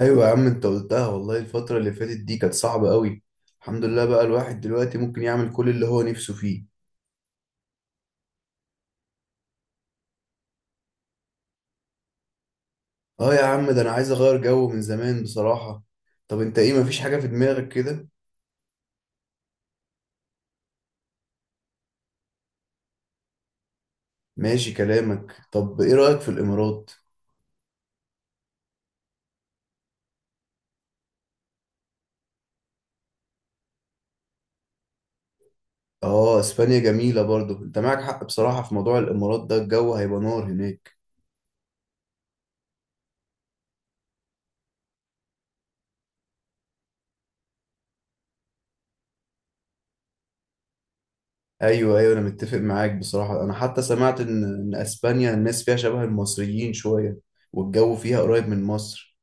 ايوه يا عم، انت قلتها والله، الفترة اللي فاتت دي كانت صعبة قوي. الحمد لله بقى، الواحد دلوقتي ممكن يعمل كل اللي هو نفسه فيه. اه يا عم، ده انا عايز اغير جو من زمان بصراحة. طب انت ايه، مفيش حاجة في دماغك كده؟ ماشي كلامك، طب ايه رأيك في الامارات؟ اه، اسبانيا جميلة برضو، انت معاك حق بصراحة. في موضوع الامارات ده الجو هيبقى نار هناك. ايوه ايوه، انا متفق معاك بصراحة، انا حتى سمعت ان اسبانيا الناس فيها شبه المصريين شوية، والجو فيها قريب من مصر.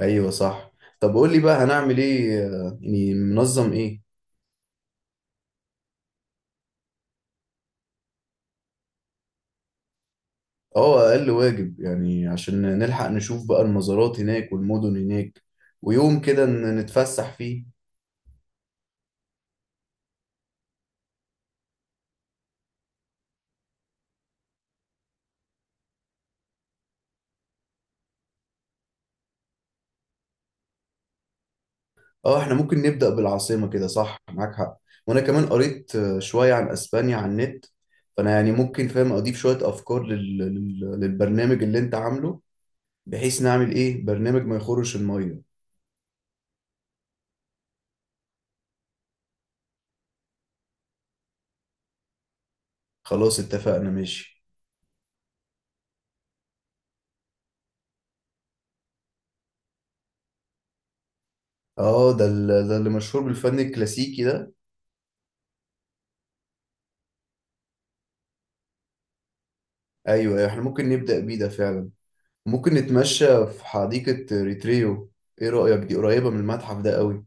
ايوه صح. طب قول لي بقى، هنعمل ايه يعني منظم ايه؟ اه، اقل واجب يعني، عشان نلحق نشوف بقى المزارات هناك والمدن هناك. ويوم كده نتفسح فيه. اه، احنا ممكن نبدأ بالعاصمة كده، صح معاك حق. وانا كمان قريت شوية عن اسبانيا على النت، فانا يعني ممكن فاهم اضيف شوية افكار للبرنامج اللي انت عامله، بحيث نعمل ايه، برنامج ما يخرش المية. خلاص اتفقنا ماشي. اه، ده، اللي مشهور بالفن الكلاسيكي ده. ايوه أيوة، احنا ممكن نبدأ بيه ده فعلا. ممكن نتمشى في حديقة ريتريو، ايه رأيك؟ دي قريبة من المتحف ده قوي.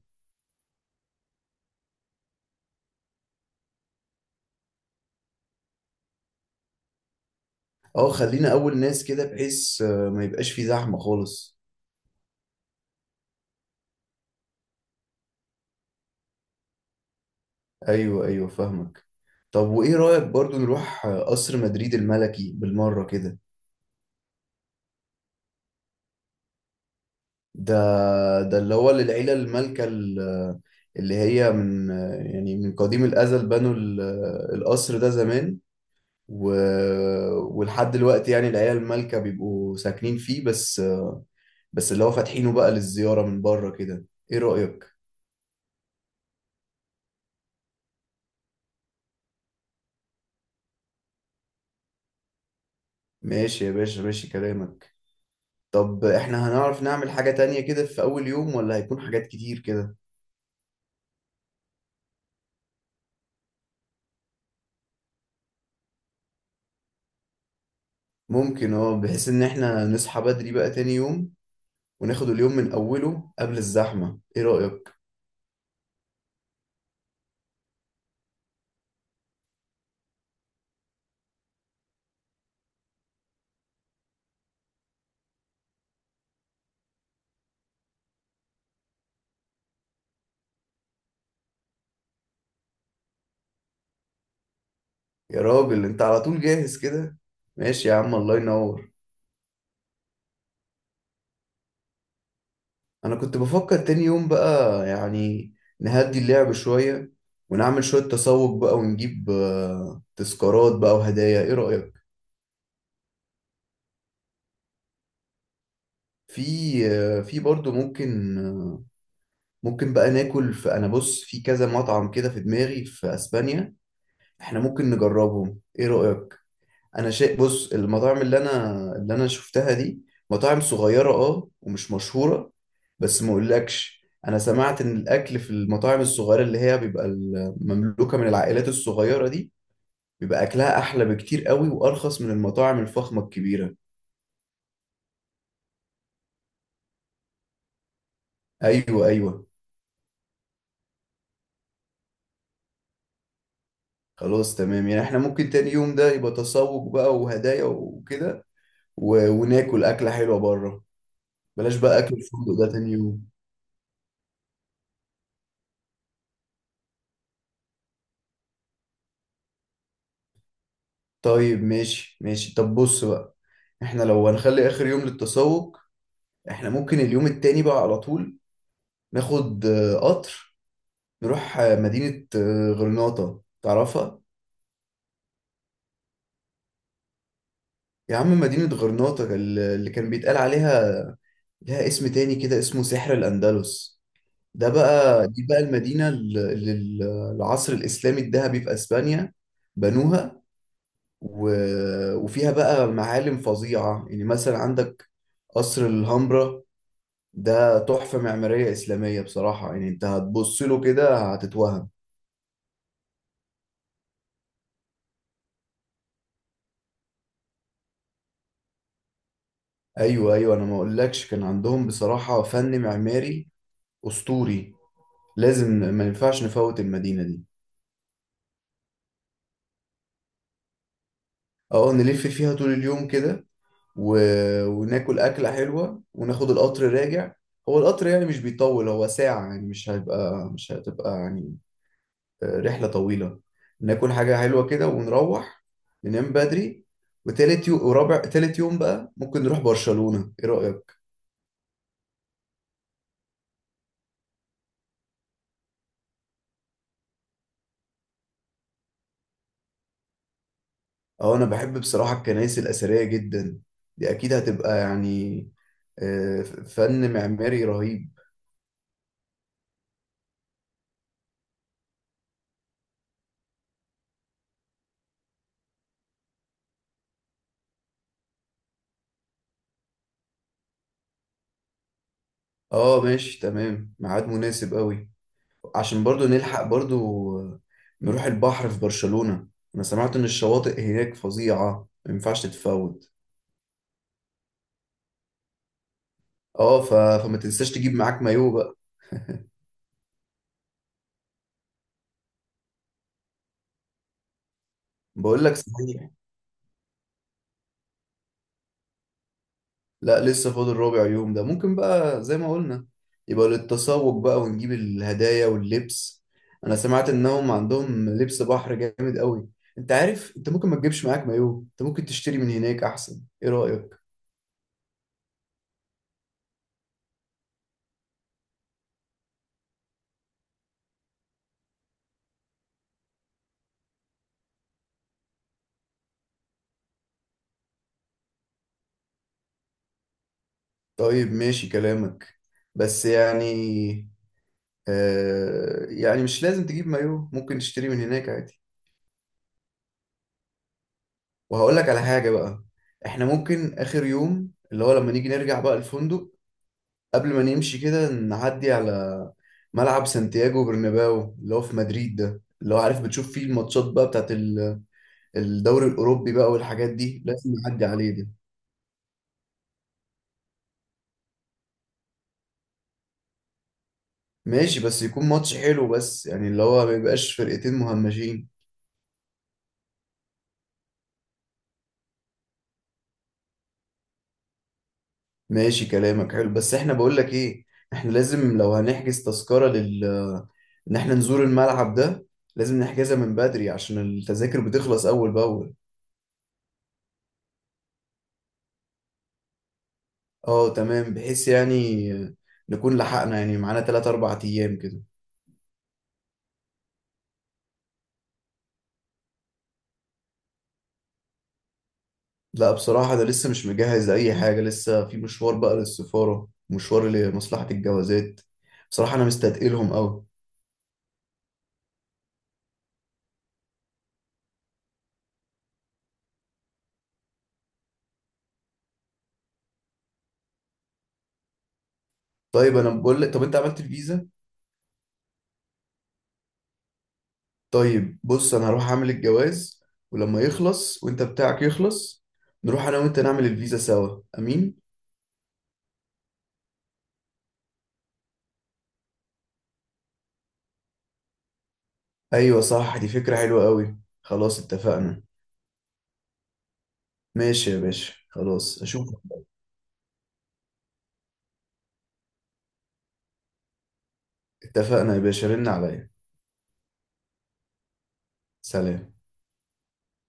اه، خلينا اول ناس كده بحيث ما يبقاش في زحمة خالص. ايوه ايوه، فاهمك. طب وايه رأيك برضو نروح قصر مدريد الملكي بالمرة كده؟ ده ده اللي هو للعيلة المالكة، اللي هي من يعني من قديم الأزل، بنوا القصر ده زمان. و... ولحد دلوقتي يعني العيلة المالكة بيبقوا ساكنين فيه، بس اللي هو فاتحينه بقى للزيارة من بره كده. ايه رأيك؟ ماشي يا باشا، ماشي كلامك. طب احنا هنعرف نعمل حاجة تانية كده في أول يوم، ولا هيكون حاجات كتير كده؟ ممكن، اه، بحيث ان احنا نصحى بدري بقى تاني يوم، وناخد اليوم من أوله قبل الزحمة. ايه رأيك؟ يا راجل، انت على طول جاهز كده. ماشي يا عم، الله ينور. انا كنت بفكر تاني يوم بقى، يعني نهدي اللعب شوية، ونعمل شوية تسوق بقى ونجيب تذكارات بقى وهدايا. ايه رأيك؟ في في برضه ممكن بقى ناكل في، انا بص، في كذا مطعم كده في دماغي في اسبانيا، احنا ممكن نجربهم. ايه رأيك؟ انا شايف، بص، المطاعم اللي انا شفتها دي مطاعم صغيرة، اه، ومش مشهورة. بس ما اقولكش، انا سمعت ان الاكل في المطاعم الصغيرة، اللي هي مملوكة من العائلات الصغيرة دي، بيبقى اكلها احلى بكتير قوي، وارخص من المطاعم الفخمة الكبيرة. ايوه ايوه. خلاص تمام، يعني احنا ممكن تاني يوم ده يبقى تسوق بقى وهدايا وكده، وناكل أكلة حلوة بره. بلاش بقى أكل الفندق ده تاني يوم. طيب ماشي ماشي. طب بص بقى، احنا لو هنخلي آخر يوم للتسوق، احنا ممكن اليوم التاني بقى على طول ناخد قطر، نروح مدينة غرناطة، تعرفها؟ يا عم، مدينة غرناطة، اللي كان بيتقال عليها لها اسم تاني كده، اسمه سحر الأندلس. ده بقى، دي بقى المدينة اللي العصر الإسلامي الذهبي في أسبانيا بنوها. و... وفيها بقى معالم فظيعة، يعني مثلا عندك قصر الهامبرا. ده تحفة معمارية إسلامية بصراحة، يعني أنت هتبص له كده هتتوهم. أيوه أيوه، أنا ما أقولكش كان عندهم بصراحة فن معماري أسطوري. لازم، ما ينفعش نفوت المدينة دي. أه، نلف فيها طول اليوم كده، و... وناكل أكلة حلوة وناخد القطر راجع. هو القطر يعني مش بيطول، هو ساعة يعني، مش هتبقى يعني رحلة طويلة. ناكل حاجة حلوة كده ونروح ننام بدري. وتالت يوم ورابع، تالت يوم بقى ممكن نروح برشلونة، ايه رأيك؟ اه، انا بحب بصراحة الكنائس الأثرية جدا، دي اكيد هتبقى يعني فن معماري رهيب. اه ماشي تمام، ميعاد مناسب قوي، عشان برضو نلحق برضو نروح البحر في برشلونة. انا سمعت ان الشواطئ هناك فظيعة، ما ينفعش تتفوت. اه، فما تنساش تجيب معاك مايو بقى. بقول لك صحيح. لا لسه فاضل ربع يوم، ده ممكن بقى زي ما قلنا يبقى للتسوق بقى، ونجيب الهدايا واللبس. انا سمعت انهم عندهم لبس بحر جامد قوي. انت عارف، انت ممكن ما تجيبش معاك مايو، انت ممكن تشتري من هناك احسن، ايه رأيك؟ طيب ماشي كلامك، بس يعني يعني مش لازم تجيب مايو، ممكن تشتري من هناك عادي. وهقول لك على حاجة بقى، احنا ممكن اخر يوم اللي هو لما نيجي نرجع بقى الفندق، قبل ما نمشي كده، نعدي على ملعب سانتياغو برناباو اللي هو في مدريد ده، اللي هو عارف بتشوف فيه الماتشات بقى بتاعت الدوري الأوروبي بقى والحاجات دي، لازم نعدي عليه ده. ماشي، بس يكون ماتش حلو بس يعني، اللي هو ما يبقاش فرقتين مهمشين. ماشي كلامك حلو، بس احنا بقول لك ايه، احنا لازم لو هنحجز تذكرة ان احنا نزور الملعب ده، لازم نحجزها من بدري عشان التذاكر بتخلص اول باول. اه تمام، بحيث يعني نكون لحقنا، يعني معانا 3 4 ايام كده. لا بصراحة، ده لسه مش مجهز اي حاجة، لسه في مشوار بقى للسفارة، مشوار لمصلحة الجوازات. بصراحة انا مستثقلهم قوي. طيب انا بقول لك، طب انت عملت الفيزا؟ طيب بص، انا هروح اعمل الجواز، ولما يخلص وانت بتاعك يخلص، نروح انا وانت نعمل الفيزا سوا امين. ايوه صح، دي فكرة حلوة قوي، خلاص اتفقنا. ماشي يا باشا، خلاص اشوفك. اتفقنا يا باشا، رن عليا. سلام.